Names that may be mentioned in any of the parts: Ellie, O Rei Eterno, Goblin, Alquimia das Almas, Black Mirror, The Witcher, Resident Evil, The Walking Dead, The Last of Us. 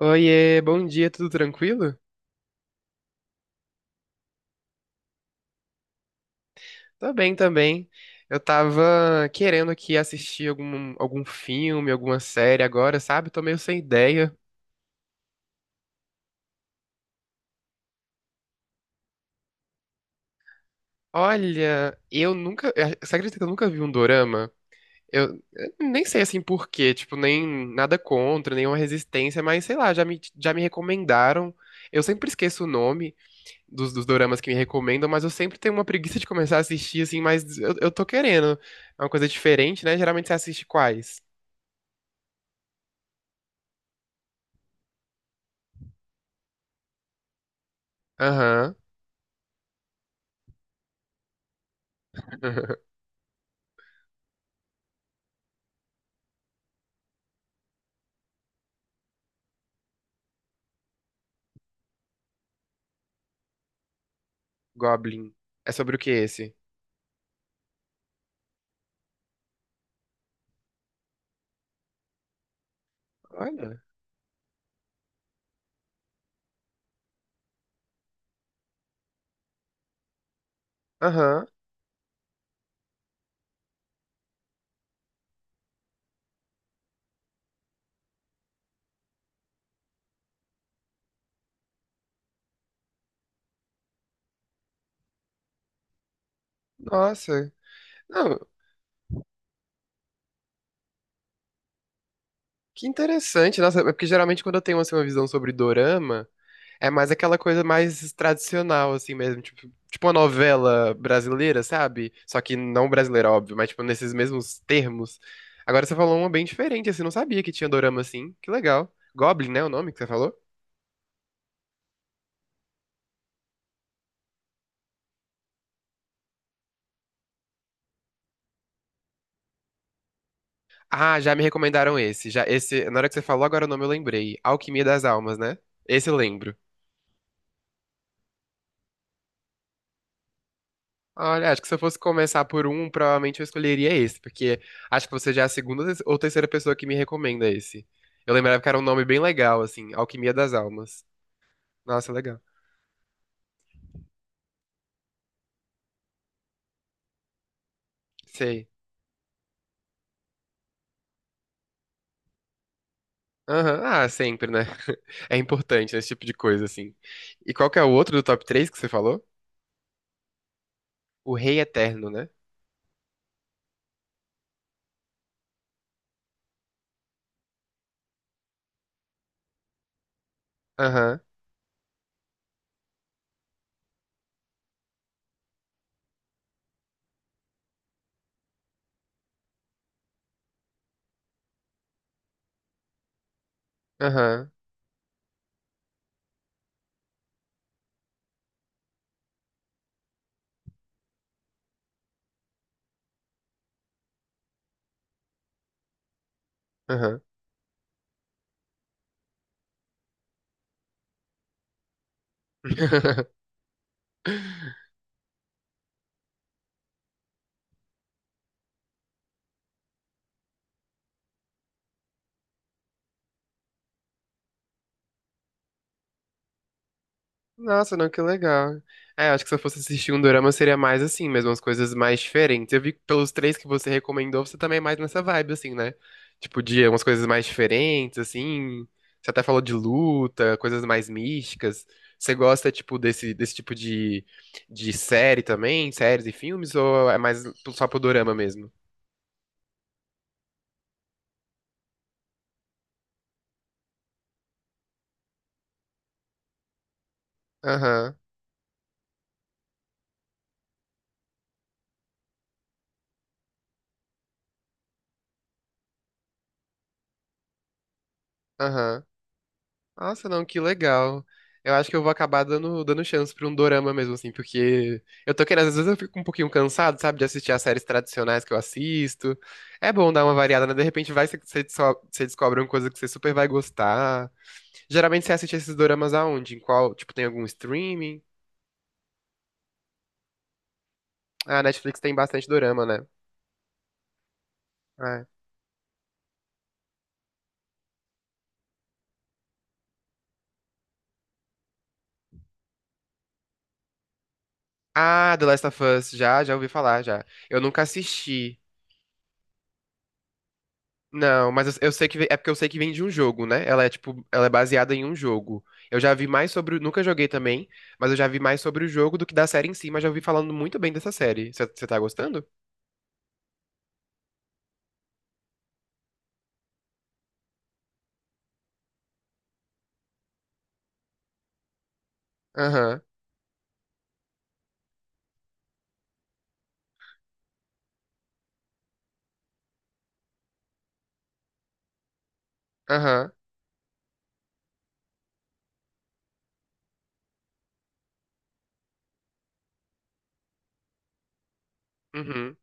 Oiê, bom dia, tudo tranquilo? Tô bem também. Eu tava querendo aqui assistir algum filme, alguma série agora, sabe? Tô meio sem ideia. Olha, eu nunca. Você acredita que eu nunca vi um dorama? Eu nem sei assim por quê, tipo, nem nada contra, nenhuma resistência, mas sei lá, já me recomendaram. Eu sempre esqueço o nome dos doramas que me recomendam, mas eu sempre tenho uma preguiça de começar a assistir, assim, mas eu tô querendo. É uma coisa diferente, né? Geralmente você assiste quais? Aham. Goblin. É sobre o que esse? Olha. Aham. Nossa. Não, que interessante. Nossa, é porque geralmente quando eu tenho assim, uma visão sobre dorama, é mais aquela coisa mais tradicional, assim mesmo. Tipo, tipo uma novela brasileira, sabe? Só que não brasileira, óbvio, mas tipo nesses mesmos termos. Agora você falou uma bem diferente, assim. Não sabia que tinha dorama assim. Que legal. Goblin, né? O nome que você falou? Ah, já me recomendaram esse. Já esse, na hora que você falou, agora o nome eu lembrei. Alquimia das Almas, né? Esse eu lembro. Olha, acho que se eu fosse começar por um, provavelmente eu escolheria esse, porque acho que você já é a segunda ou terceira pessoa que me recomenda esse. Eu lembrava que era um nome bem legal, assim, Alquimia das Almas. Nossa, legal. Sei. Aham, ah, sempre, né? É importante esse tipo de coisa, assim. E qual que é o outro do top 3 que você falou? O Rei Eterno, né? Aham, aham, aham. Nossa, não, que legal. É, acho que se eu fosse assistir um dorama seria mais assim, mesmo as coisas mais diferentes. Eu vi que pelos três que você recomendou, você também é mais nessa vibe, assim, né? Tipo, de umas coisas mais diferentes, assim. Você até falou de luta, coisas mais místicas. Você gosta, tipo, desse tipo de série também? Séries e filmes? Ou é mais só pro dorama mesmo? Aham, aham. Nossa, não, que legal. Eu acho que eu vou acabar dando chance pra um dorama mesmo, assim, porque eu tô querendo, às vezes eu fico um pouquinho cansado, sabe, de assistir as séries tradicionais que eu assisto. É bom dar uma variada, né? De repente vai que você você descobre uma coisa que você super vai gostar. Geralmente você assiste esses doramas aonde? Em qual, tipo, tem algum streaming? Ah, a Netflix tem bastante dorama, né? É. Ah, The Last of Us, já ouvi falar, já. Eu nunca assisti. Não, mas eu sei que é porque eu sei que vem de um jogo, né? Ela é tipo, ela é baseada em um jogo. Eu já vi mais sobre. Nunca joguei também, mas eu já vi mais sobre o jogo do que da série em si, mas já ouvi falando muito bem dessa série. Você tá gostando? Aham, aham, uhum.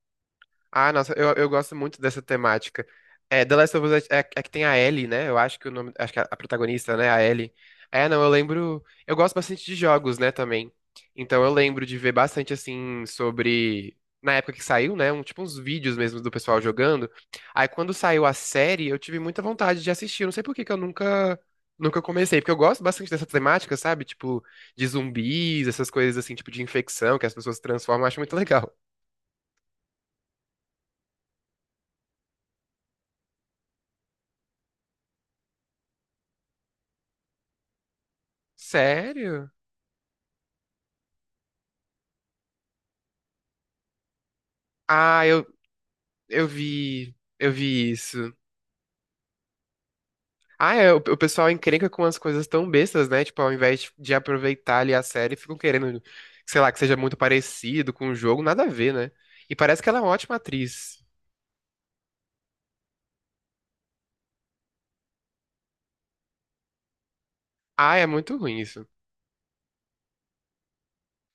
Ah, nossa, eu gosto muito dessa temática. É, The Last of Us é, é que tem a Ellie, né? Eu acho que o nome, acho que a protagonista, né, a Ellie. É, não, eu lembro. Eu gosto bastante de jogos, né, também. Então eu lembro de ver bastante assim sobre na época que saiu, né, um tipo uns vídeos mesmo do pessoal jogando. Aí quando saiu a série, eu tive muita vontade de assistir. Eu não sei por que que eu nunca comecei, porque eu gosto bastante dessa temática, sabe? Tipo de zumbis, essas coisas assim, tipo de infecção que as pessoas se transformam, eu acho muito legal. Sério? Ah, eu, eu vi isso. Ah, é, o pessoal encrenca com as coisas tão bestas, né? Tipo, ao invés de aproveitar ali a série, ficam querendo, sei lá, que seja muito parecido com o jogo, nada a ver, né? E parece que ela é uma ótima atriz. Ah, é muito ruim isso.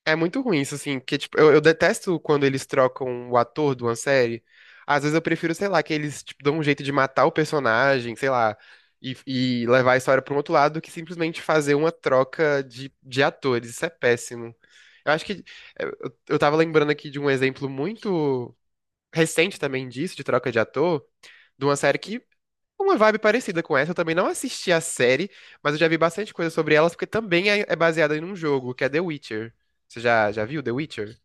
É muito ruim isso, assim, porque, tipo, eu detesto quando eles trocam o ator de uma série. Às vezes eu prefiro, sei lá, que eles, tipo, dão um jeito de matar o personagem, sei lá, e levar a história para um outro lado do que simplesmente fazer uma troca de atores. Isso é péssimo. Eu acho que. Eu tava lembrando aqui de um exemplo muito recente também disso, de troca de ator, de uma série que uma vibe parecida com essa. Eu também não assisti a série, mas eu já vi bastante coisa sobre elas, porque também é baseada em um jogo, que é The Witcher. Você já viu The Witcher?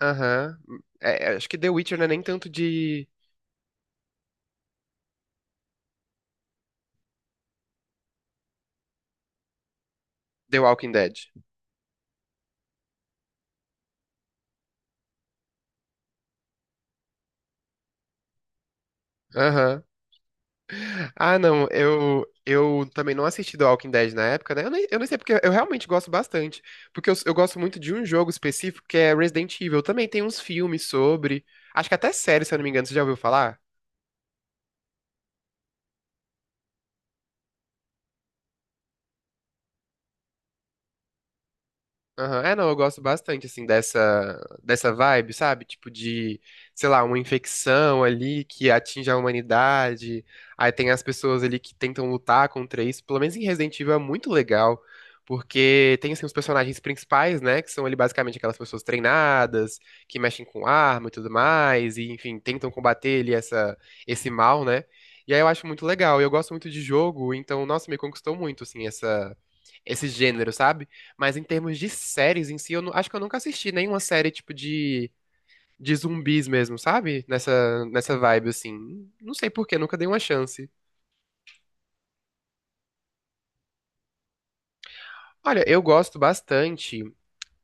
Aham. É, acho que The Witcher não é nem tanto de The Walking Dead. Aham. Ah, não, eu também não assisti The Walking Dead na época, né? Eu nem sei porque eu realmente gosto bastante. Porque eu gosto muito de um jogo específico que é Resident Evil. Também tem uns filmes sobre. Acho que até série, se eu não me engano, você já ouviu falar? Aham. É, não, eu gosto bastante, assim, dessa vibe, sabe? Tipo de, sei lá, uma infecção ali que atinge a humanidade. Aí tem as pessoas ali que tentam lutar contra isso. Pelo menos em Resident Evil é muito legal, porque tem, assim, os personagens principais, né? Que são ali basicamente aquelas pessoas treinadas, que mexem com arma e tudo mais, e, enfim, tentam combater ali essa, esse mal, né? E aí eu acho muito legal. Eu gosto muito de jogo, então, nossa, me conquistou muito, assim, essa, esse gênero, sabe? Mas em termos de séries em si, eu acho que eu nunca assisti nenhuma série tipo de zumbis mesmo, sabe? Nessa vibe, assim. Não sei por quê, nunca dei uma chance. Olha, eu gosto bastante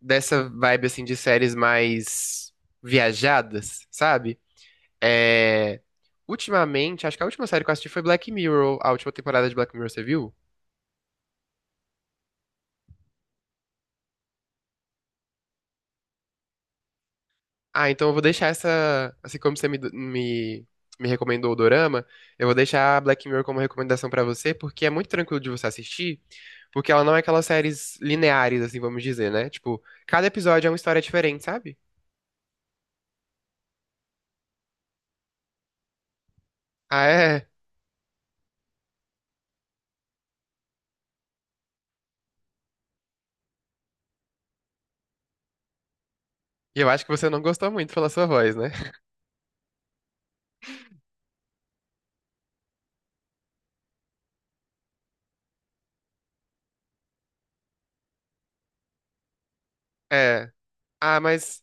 dessa vibe, assim, de séries mais viajadas, sabe? É... Ultimamente, acho que a última série que eu assisti foi Black Mirror. A última temporada de Black Mirror, você viu? Ah, então eu vou deixar essa. Assim como você me recomendou o Dorama, eu vou deixar a Black Mirror como recomendação pra você, porque é muito tranquilo de você assistir, porque ela não é aquelas séries lineares, assim, vamos dizer, né? Tipo, cada episódio é uma história diferente, sabe? Ah, é? E eu acho que você não gostou muito pela sua voz, né? É. Ah, mas.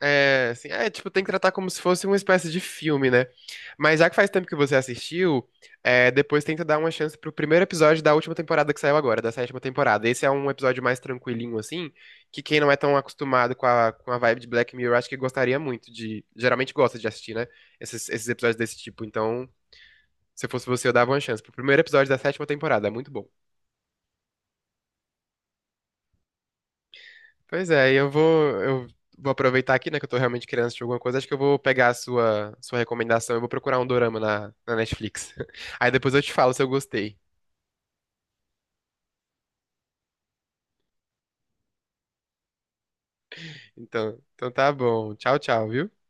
É, assim, é, tipo, tem que tratar como se fosse uma espécie de filme, né? Mas já que faz tempo que você assistiu, depois tenta dar uma chance pro primeiro episódio da última temporada que saiu agora, da sétima temporada. Esse é um episódio mais tranquilinho, assim, que quem não é tão acostumado com a vibe de Black Mirror, acho que gostaria muito de. Geralmente gosta de assistir, né? Esses episódios desse tipo. Então, se fosse você, eu dava uma chance pro primeiro episódio da sétima temporada. É muito bom. Pois é, e eu vou aproveitar aqui, né, que eu tô realmente querendo assistir alguma coisa. Acho que eu vou pegar a sua recomendação. Eu vou procurar um dorama na Netflix. Aí depois eu te falo se eu gostei. Então tá bom. Tchau, tchau, viu?